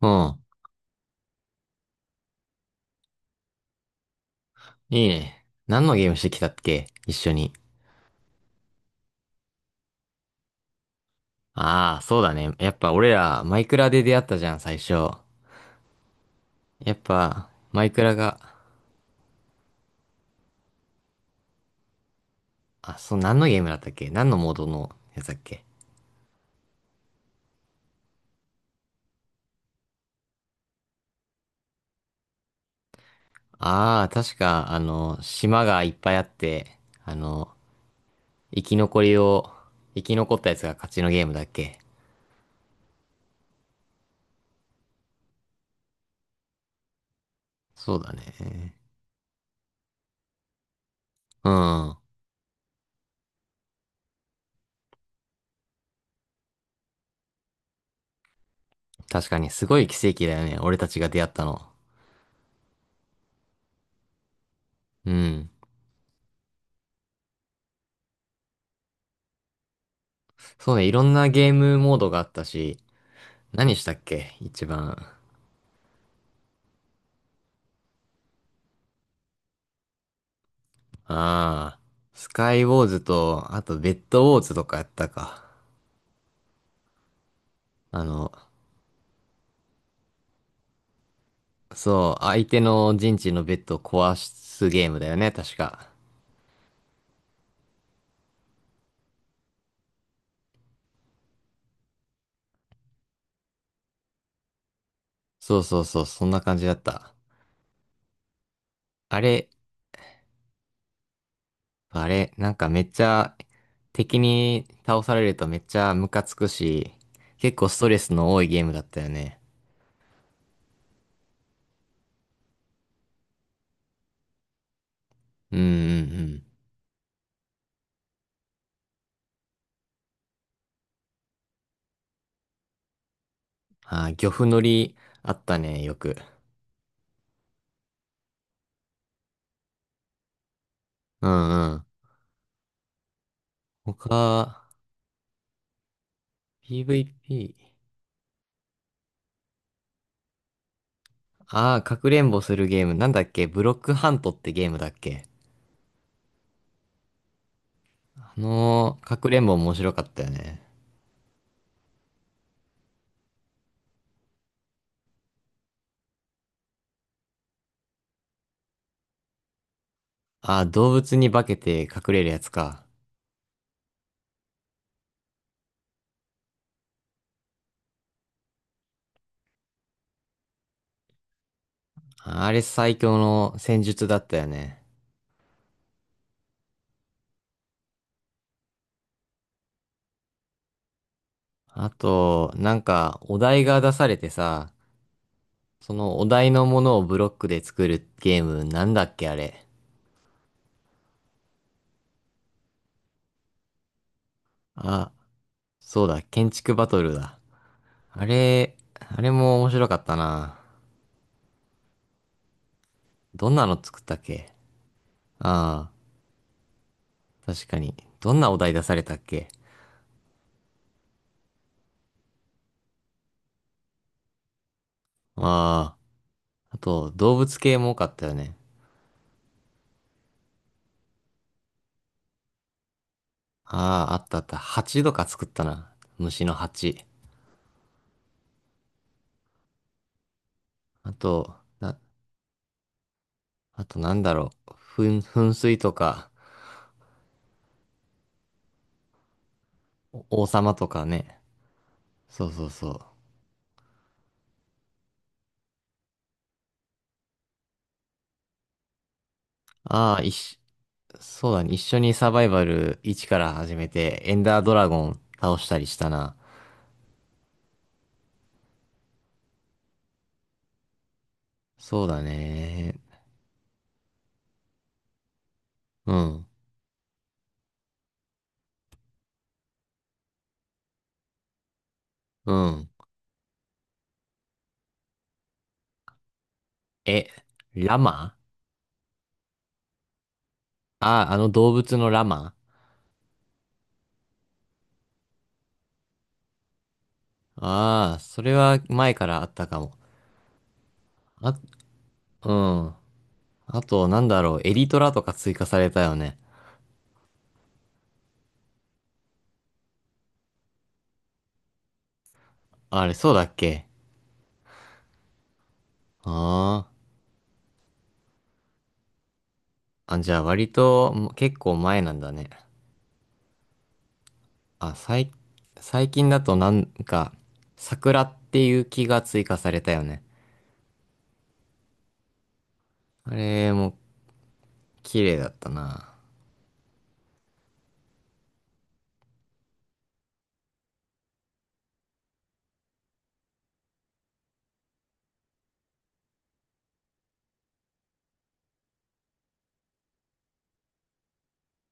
うん。いいね。何のゲームしてきたっけ一緒に？ああ、そうだね。やっぱ俺ら、マイクラで出会ったじゃん、最初。やっぱ、マイクラが、あ、そう、何のゲームだったっけ？何のモードのやつだっけ？ああー、確か、島がいっぱいあって、あの、生き残りを、生き残ったやつが勝ちのゲームだっけ？そうだね。うん。確かに、すごい奇跡だよね。俺たちが出会ったの。うん。そうね、いろんなゲームモードがあったし、何したっけ一番？ああ、スカイウォーズと、あとベッドウォーズとかやったか。あの、そう、相手の陣地のベッドを壊すゲームだよね、確か。そうそうそう、そんな感じだった。あれ、あれ、なんかめっちゃ、敵に倒されるとめっちゃムカつくし、結構ストレスの多いゲームだったよね。うんうんうん。ああ、漁夫乗りあったね、よく。うんうん。他、PVP。ああ、かくれんぼするゲーム。なんだっけ？ブロックハントってゲームだっけ？かくれんぼ面白かったよね。ああ、動物に化けて隠れるやつか。あれ最強の戦術だったよね。あと、なんか、お題が出されてさ、そのお題のものをブロックで作るゲーム、なんだっけあれ。あ、そうだ、建築バトルだ。あれ、あれも面白かったな。どんなの作ったっけ？ああ、確かに。どんなお題出されたっけ？ああ、あと、動物系も多かったよね。ああ、あったあった。蜂とか作ったな。虫の蜂。あと、な、あとなんだろう。噴水とか、お王様とかね。そうそうそう。ああ、そうだね。一緒にサバイバル1から始めて、エンダードラゴン倒したりしたな。そうだね。うん、うん。え、ラマ？ああ、あの動物のラマ？ああ、それは前からあったかも。あ、うん。あと、なんだろう、エリトラとか追加されたよね。あれ、そうだっけ？あーあ、じゃあ割とも結構前なんだね。あ、最、最近だとなんか、桜っていう木が追加されたよね。あれも綺麗だったな。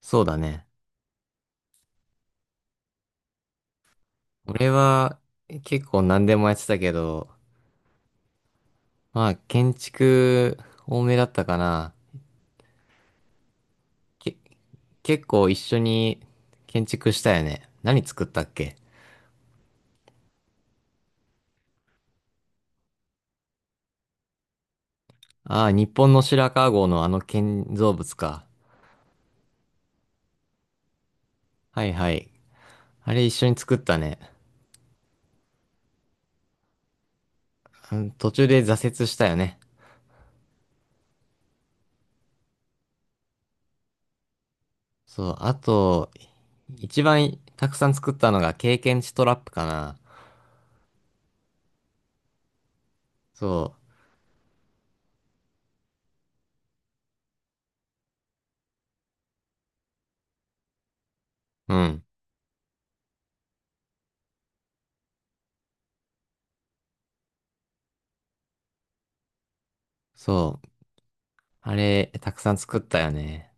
そうだね。俺は結構何でもやってたけど、まあ建築多めだったかな。け、結構一緒に建築したよね。何作ったっけ？ああ、日本の白川郷のあの建造物か。はいはい。あれ一緒に作ったね。うん途中で挫折したよね。そう、あと、一番たくさん作ったのが経験値トラップかな。そう、うん。そう。あれ、たくさん作ったよね。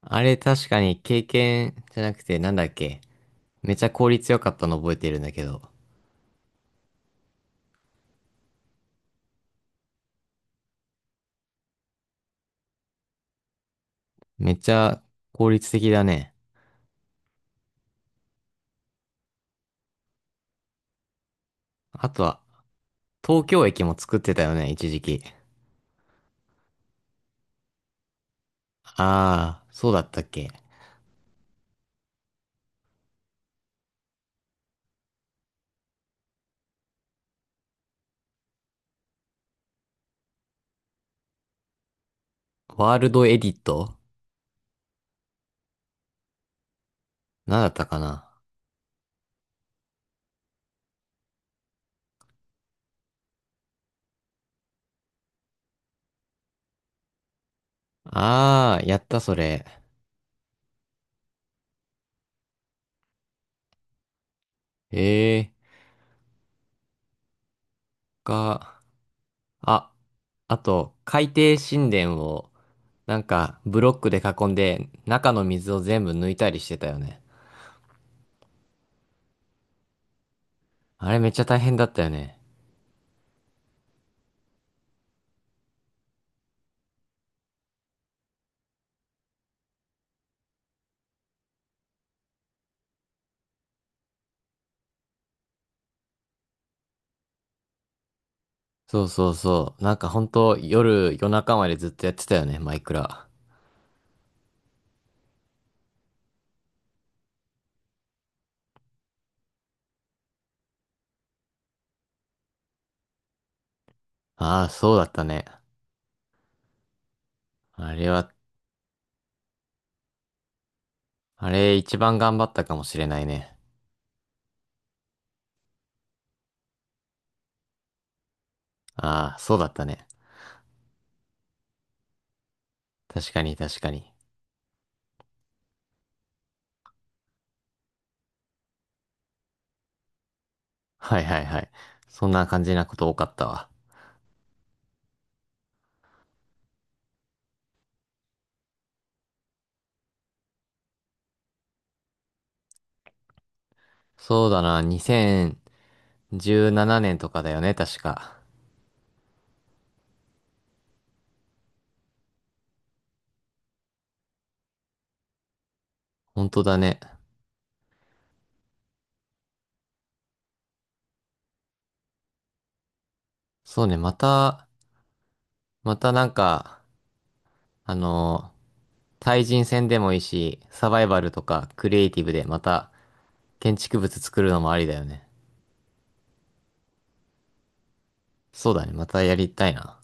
あれ確かに経験じゃなくてなんだっけ？めっちゃ効率良かったの覚えてるんだけど。めっちゃ効率的だね。あとは、東京駅も作ってたよね、一時期。ああ、そうだったっけ？ワールドエディット何だったかな？あー、やったそれ。ええか？あ、あと、海底神殿を、なんか、ブロックで囲んで、中の水を全部抜いたりしてたよね。あれめっちゃ大変だったよね。そうそうそう。なんかほんと、夜中までずっとやってたよね、マイクラ。ああ、そうだったね。あれは、あれ一番頑張ったかもしれないね。ああ、そうだったね。確かに確かに。はいはいはい。そんな感じなこと多かったわ。そうだな、2017年とかだよね、確か。本当だね。そうね、またなんか、あのー対人戦でもいいし、サバイバルとかクリエイティブでまた建築物作るのもありだよね。そうだね、またやりたいな。